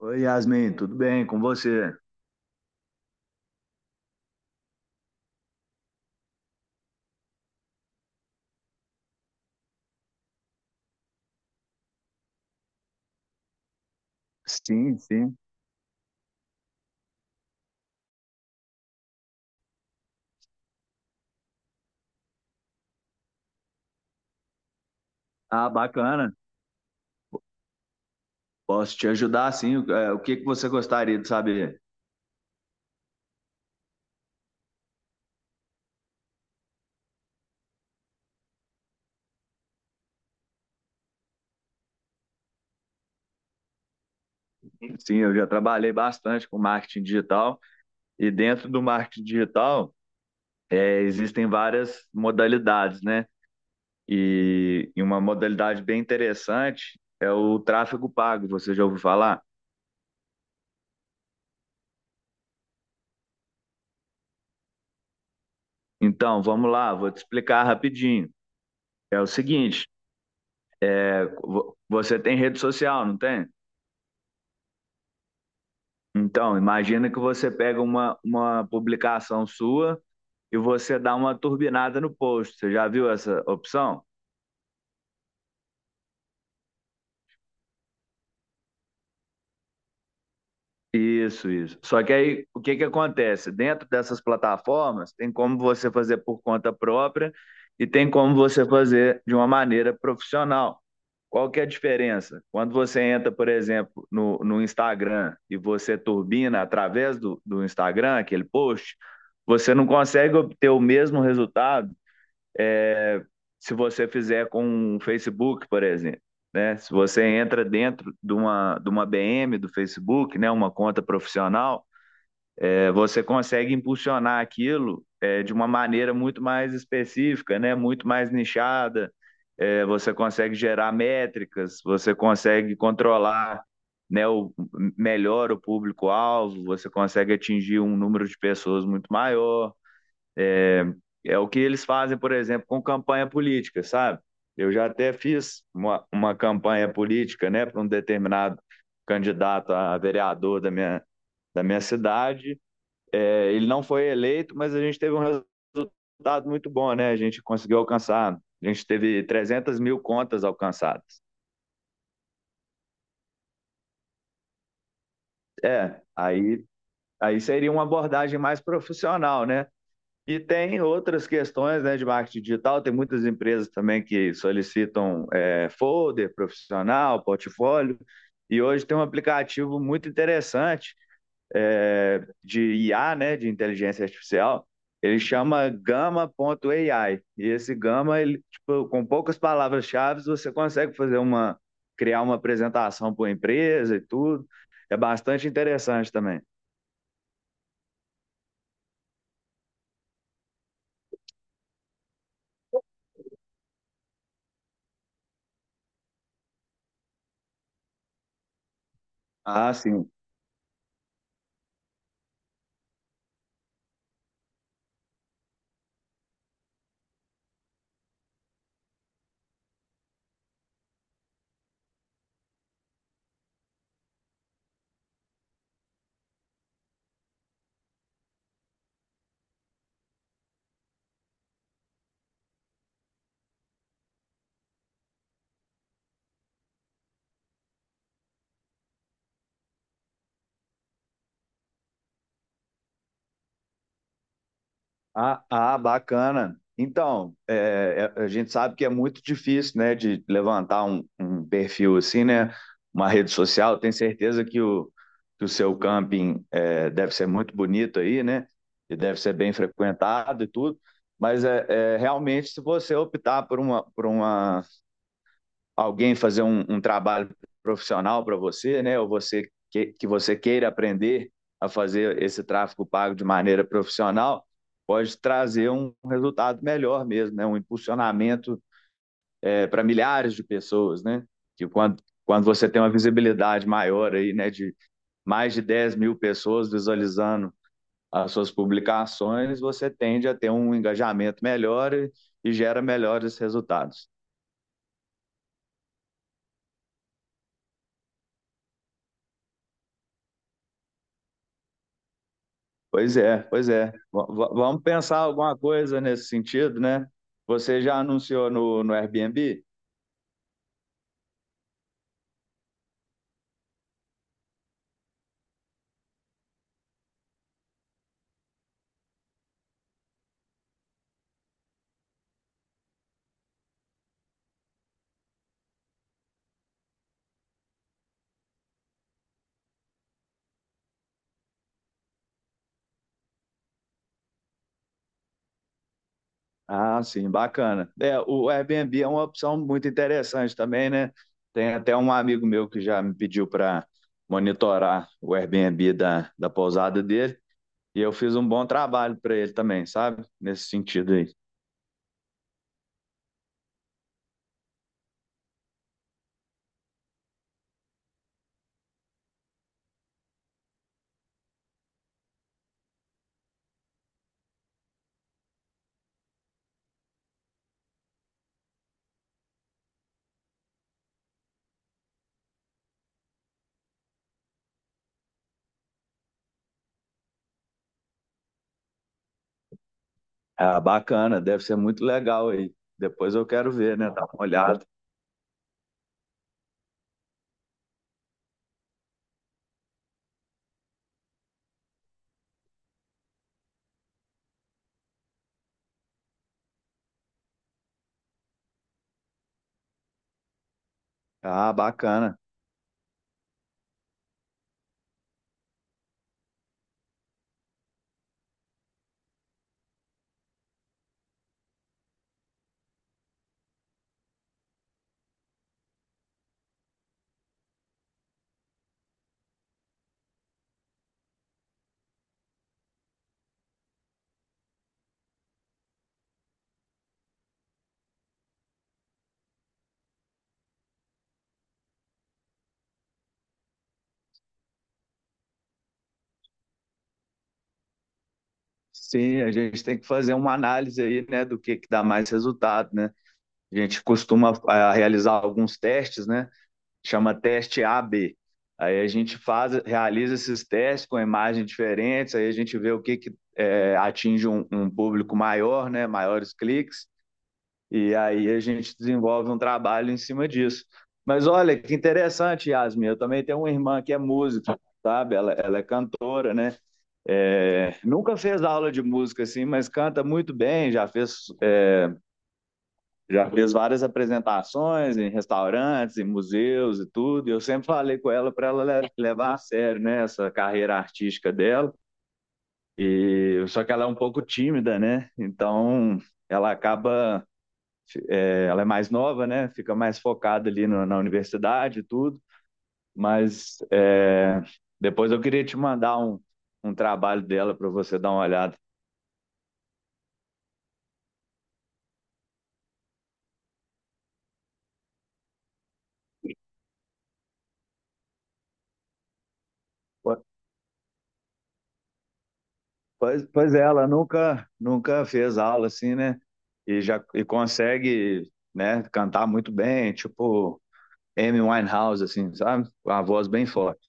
Oi, Yasmin, tudo bem com você? Sim, sim. Ah, bacana. Posso te ajudar, sim. O que que você gostaria de saber? Sim, eu já trabalhei bastante com marketing digital e dentro do marketing digital existem várias modalidades, né? E uma modalidade bem interessante é o tráfego pago. Você já ouviu falar? Então, vamos lá, vou te explicar rapidinho. É o seguinte, você tem rede social, não tem? Então, imagina que você pega uma publicação sua e você dá uma turbinada no post. Você já viu essa opção? Isso, isso. Só que aí, o que que acontece? Dentro dessas plataformas, tem como você fazer por conta própria e tem como você fazer de uma maneira profissional. Qual que é a diferença? Quando você entra, por exemplo, no Instagram e você turbina através do Instagram, aquele post, você não consegue obter o mesmo resultado se você fizer com o Facebook, por exemplo, né? Se você entra dentro de uma BM do Facebook, né? Uma conta profissional, você consegue impulsionar aquilo de uma maneira muito mais específica, né? Muito mais nichada. Você consegue gerar métricas, você consegue controlar, né, melhor o público-alvo, você consegue atingir um número de pessoas muito maior. É é o que eles fazem, por exemplo, com campanha política, sabe? Eu já até fiz uma campanha política, né, para um determinado candidato a vereador da minha cidade. Ele não foi eleito, mas a gente teve um resultado muito bom, né? A gente conseguiu alcançar, a gente teve 300.000 contas alcançadas. É, aí, aí seria uma abordagem mais profissional, né? E tem outras questões, né, de marketing digital, tem muitas empresas também que solicitam folder profissional, portfólio, e hoje tem um aplicativo muito interessante de IA, né, de inteligência artificial, ele chama Gama ponto Gama.ai, e esse Gama, ele, tipo, com poucas palavras-chave, você consegue criar uma apresentação para a empresa e tudo, é bastante interessante também. Ah, sim. Ah, bacana. Então, a gente sabe que é muito difícil, né, de levantar um perfil assim, né, uma rede social. Tenho certeza que o seu camping deve ser muito bonito aí, né, e deve ser bem frequentado e tudo. Mas realmente, se você optar por uma alguém fazer um trabalho profissional para você, né? Ou que você queira aprender a fazer esse tráfego pago de maneira profissional, pode trazer um resultado melhor mesmo, né? Um impulsionamento para milhares de pessoas, né? Que quando você tem uma visibilidade maior aí, né, de mais de 10.000 pessoas visualizando as suas publicações, você tende a ter um engajamento melhor e gera melhores resultados. Pois é, pois é. Vamos pensar alguma coisa nesse sentido, né? Você já anunciou no Airbnb? Ah, sim, bacana. O Airbnb é uma opção muito interessante também, né? Tem até um amigo meu que já me pediu para monitorar o Airbnb da pousada dele, e eu fiz um bom trabalho para ele também, sabe? Nesse sentido aí. Ah, bacana, deve ser muito legal aí. Depois eu quero ver, né? Dar uma olhada. Ah, bacana. Sim, a gente tem que fazer uma análise aí, né, do que dá mais resultado, né? A gente costuma, realizar alguns testes, né? Chama teste A/B. Aí a gente faz, realiza esses testes com imagens diferentes, aí a gente vê o que que atinge um público maior, né? Maiores cliques, e aí a gente desenvolve um trabalho em cima disso. Mas olha que interessante, Yasmin, eu também tenho uma irmã que é música, sabe? Ela é cantora, né? Nunca fez aula de música assim, mas canta muito bem, já fez várias apresentações em restaurantes, em museus e tudo. E eu sempre falei com ela para ela levar a sério, né, essa carreira artística dela. E só que ela é um pouco tímida, né? Então ela acaba, ela é mais nova, né? Fica mais focada ali na universidade e tudo. Mas depois eu queria te mandar um trabalho dela para você dar uma olhada. Pois é, ela nunca fez aula assim, né? E consegue, né, cantar muito bem, tipo Amy Winehouse, assim, sabe? Com a voz bem forte.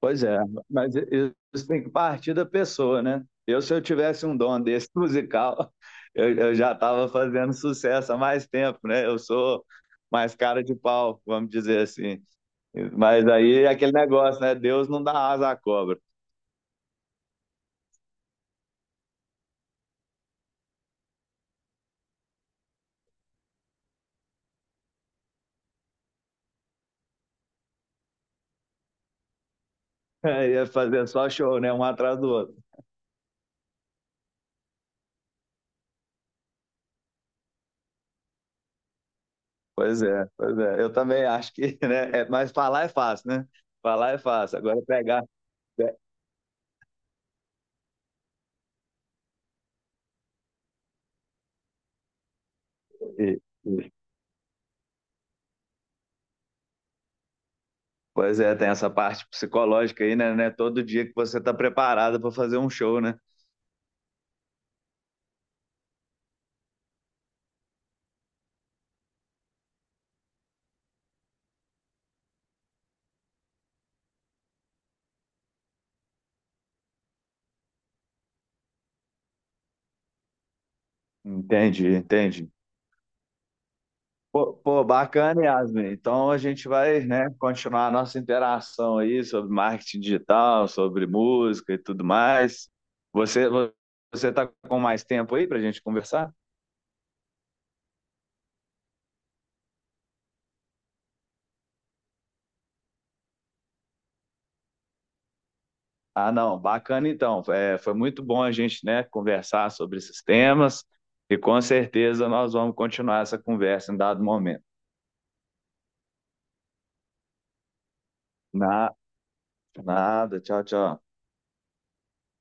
Pois é, mas isso tem que partir da pessoa, né? Se eu tivesse um dom desse musical, eu já estava fazendo sucesso há mais tempo, né? Eu sou mais cara de pau, vamos dizer assim. Mas aí é aquele negócio, né? Deus não dá asa à cobra. Aí é fazer só show, né? Um atrás do outro. Pois é, pois é. Eu também acho que, né? Mas falar é fácil, né? Falar é fácil. Agora pegar. pe- e- e- Pois é, tem essa parte psicológica aí, né? Não é todo dia que você está preparado para fazer um show, né? Entendi, entendi. Pô, bacana, Yasmin. Então a gente vai, né, continuar a nossa interação aí sobre marketing digital, sobre música e tudo mais. Você, você está com mais tempo aí para a gente conversar? Ah, não, bacana então. Foi muito bom a gente, né, conversar sobre esses temas e com certeza nós vamos continuar essa conversa em dado momento. Na, nada, tchau, tchau.